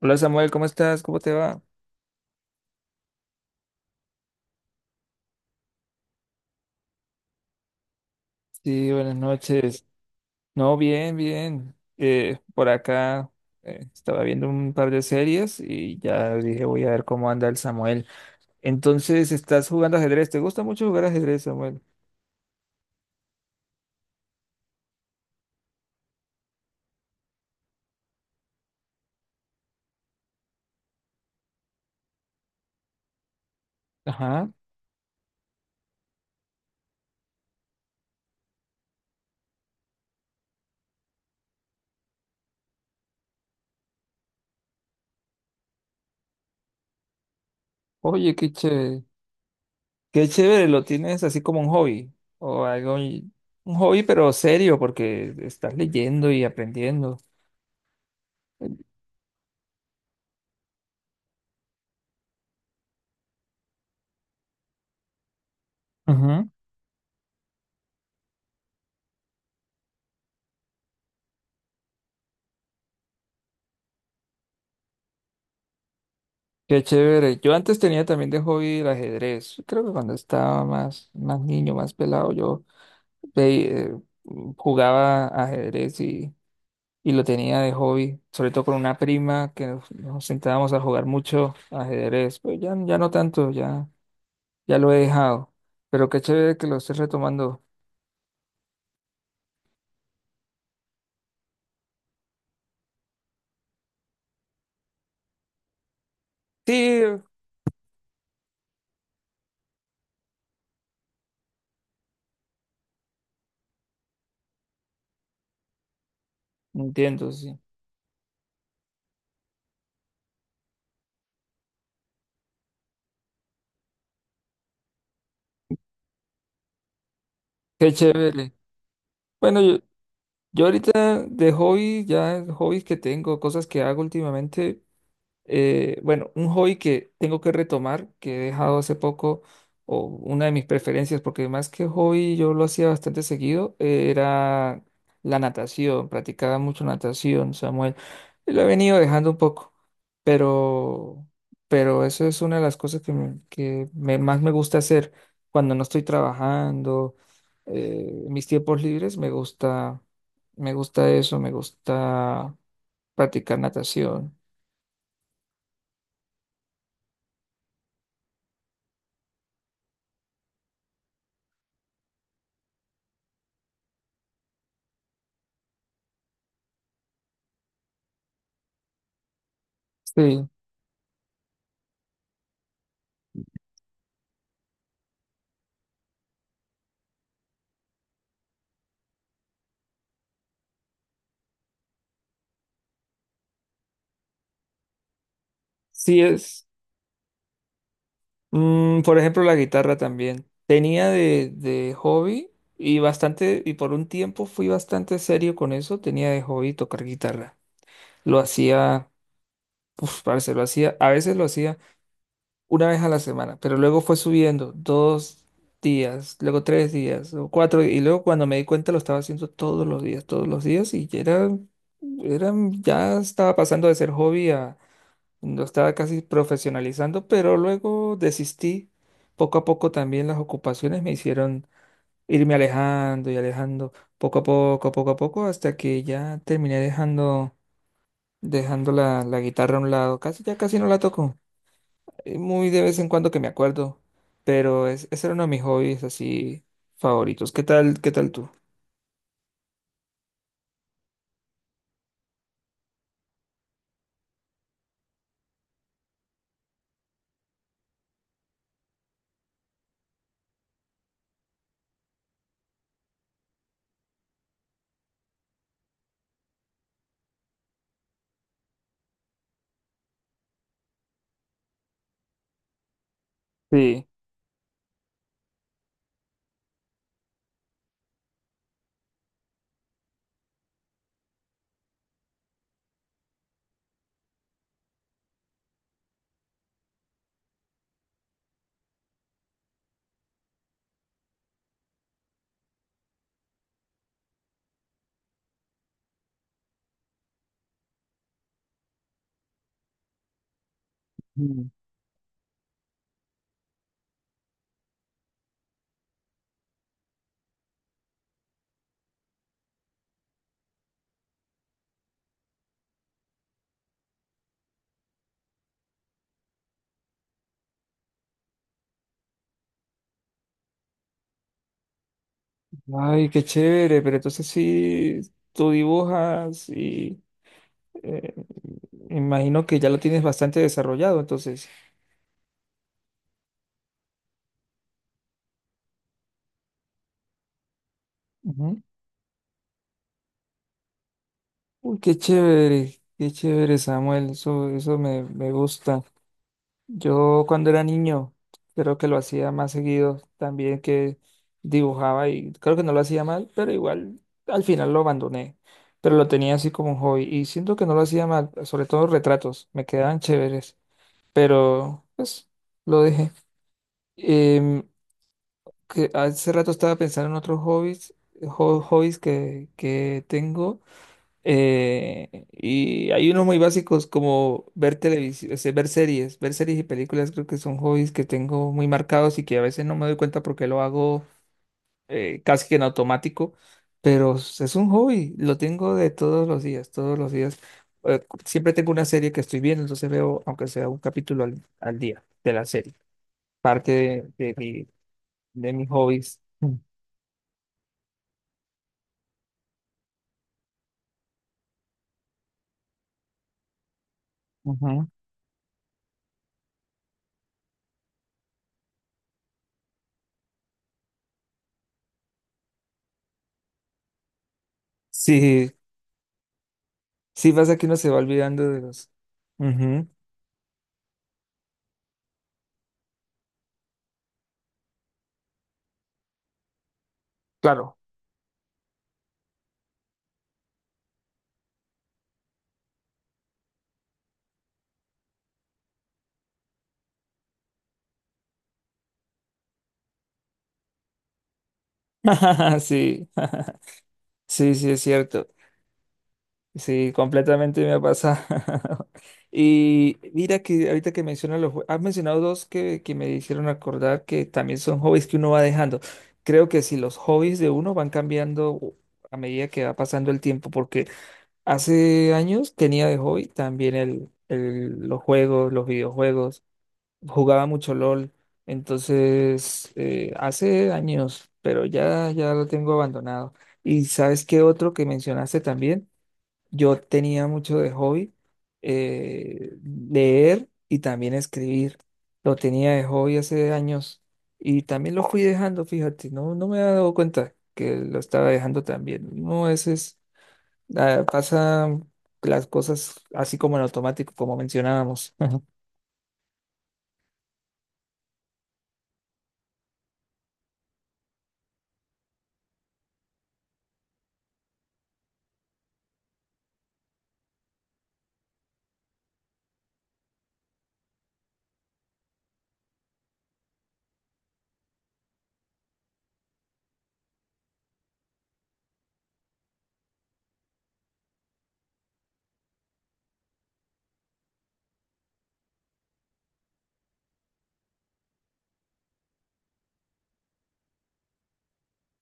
Hola Samuel, ¿cómo estás? ¿Cómo te va? Sí, buenas noches. No, bien, bien. Por acá estaba viendo un par de series y ya dije voy a ver cómo anda el Samuel. Entonces, ¿estás jugando ajedrez? ¿Te gusta mucho jugar ajedrez, Samuel? Ajá. Oye, qué chévere. Qué chévere, lo tienes así como un hobby o algo, y- un hobby pero serio porque estás leyendo y aprendiendo. Ujú. Qué chévere. Yo antes tenía también de hobby el ajedrez. Creo que cuando estaba más, más niño, más pelado, yo ve- jugaba ajedrez y lo tenía de hobby, sobre todo con una prima que nos sentábamos a jugar mucho ajedrez. Pues ya, ya no tanto, ya, ya lo he dejado. Pero qué chévere que lo estés retomando. Sí, entiendo, sí. Qué chévere. Bueno, yo ahorita de hobby, ya hobbies que tengo, cosas que hago últimamente. Bueno, un hobby que tengo que retomar, que he dejado hace poco, o una de mis preferencias, porque más que hobby yo lo hacía bastante seguido, era la natación, practicaba mucho natación, Samuel. Y lo he venido dejando un poco, pero, pero eso es una de las cosas que me- más me gusta hacer cuando no estoy trabajando, en mis tiempos libres, me gusta eso, me gusta practicar natación. Sí, sí es. Mm, por ejemplo, la guitarra también. Tenía de hobby y bastante, y por un tiempo fui bastante serio con eso. Tenía de hobby tocar guitarra. Lo hacía, uf, parce, lo hacía, a veces lo hacía una vez a la semana, pero luego fue subiendo dos días, luego tres días, luego cuatro, y luego cuando me di cuenta lo estaba haciendo todos los días, y ya era, era, ya estaba pasando de ser hobby a lo estaba casi profesionalizando, pero luego desistí. Poco a poco también las ocupaciones me hicieron irme alejando y alejando, poco a poco, hasta que ya terminé dejando, dejando la guitarra a un lado. Casi, ya casi no la toco. Muy de vez en cuando que me acuerdo, pero es, ese era uno de mis hobbies así favoritos. Qué tal tú? Sí. Mm. Ay, qué chévere, pero entonces sí, tú dibujas y... Eh, Imagino que ya lo tienes bastante desarrollado, entonces. Ujú. Uy, qué chévere, Samuel. Eso me, me gusta. Yo cuando era niño, creo que lo hacía más seguido también que dibujaba y creo que no lo hacía mal, pero igual al final lo abandoné. Pero lo tenía así como un hobby y siento que no lo hacía mal, sobre todo retratos, me quedaban chéveres, pero pues lo dejé. Em, que hace rato estaba pensando en otros hobbies, ho- hobbies que tengo. Y hay unos muy básicos como ver televisión, ver series y películas creo que son hobbies que tengo muy marcados y que a veces no me doy cuenta porque lo hago casi que en automático, pero s- es un hobby, lo tengo de todos los días, todos los días. Siempre tengo una serie que estoy viendo, entonces veo aunque sea un capítulo al día de la serie, parte de mi, de mis hobbies. Mm. Ujú. Sí, sí pasa que uno se va olvidando de los... Ujú, claro. Sí, sí, sí, es cierto. Sí, completamente me ha pasado. Y mira que ahorita que mencionas los... jue- Has mencionado dos que me hicieron acordar que también son hobbies que uno va dejando. Creo que si los hobbies de uno van cambiando a medida que va pasando el tiempo, porque hace años tenía de hobby también los juegos, los videojuegos. Jugaba mucho LOL, entonces hace años, pero ya, ya lo tengo abandonado. Y sabes qué otro que mencionaste también, yo tenía mucho de hobby leer y también escribir. Lo tenía de hobby hace años y también lo fui dejando, fíjate, no, no me he dado cuenta que lo estaba dejando también. No, ese es, ah, pasa las cosas así como en automático, como mencionábamos.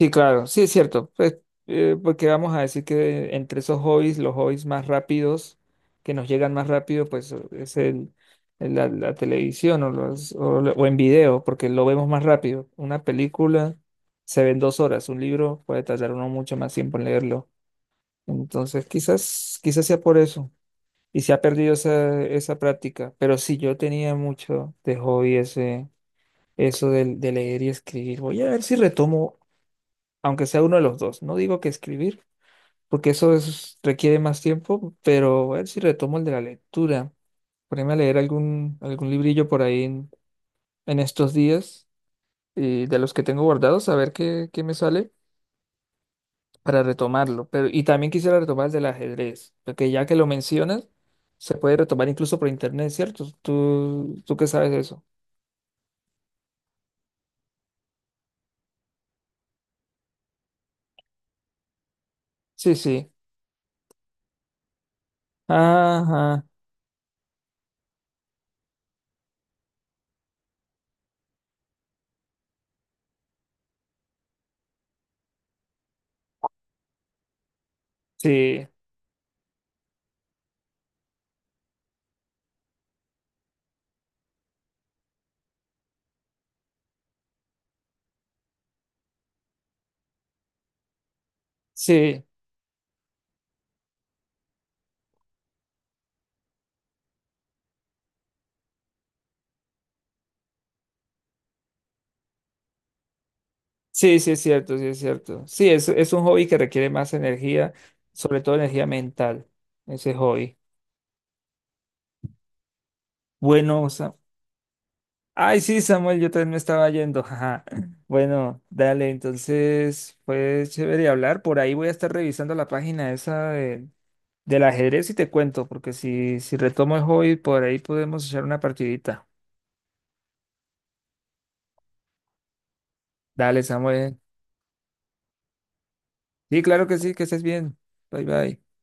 Sí, claro, sí es cierto, pues, porque vamos a decir que entre esos hobbies, los hobbies más rápidos, que nos llegan más rápido, pues es la televisión o, los, o, lo- o en video, porque lo vemos más rápido. Una película se ve en 2 horas, un libro puede tardar uno mucho más tiempo en leerlo. Entonces, quizás, quizás sea por eso. Y se ha perdido esa, esa práctica, pero sí, yo tenía mucho de hobby ese, eso del- de leer y escribir. Voy a ver si retomo aunque sea uno de los dos. No digo que escribir, porque eso es- requiere más tiempo, pero a ver si retomo el de la lectura. Ponerme a leer algún, algún librillo por ahí en estos días, y de los que tengo guardados, a ver qué, qué me sale para retomarlo. Pero, y también quisiera retomar el del ajedrez, porque ya que lo mencionas, se puede retomar incluso por internet, ¿cierto? ¿Tú, tú qué sabes de eso? Sí, sí. Ajá. Sí, sí. Sí, sí es cierto, sí es cierto. Sí, es un hobby que requiere más energía, sobre todo energía mental, ese hobby. Bueno, Sa- ay, sí, Samuel, yo también me estaba yendo. Jaja. Bueno, dale, entonces fue chévere hablar. Por ahí voy a estar revisando la página esa de- del ajedrez y te cuento, porque si, si retomo el hobby, por ahí podemos echar una partidita. Dale, Samuel. Sí, claro que sí, que estés bien. Bye, bye.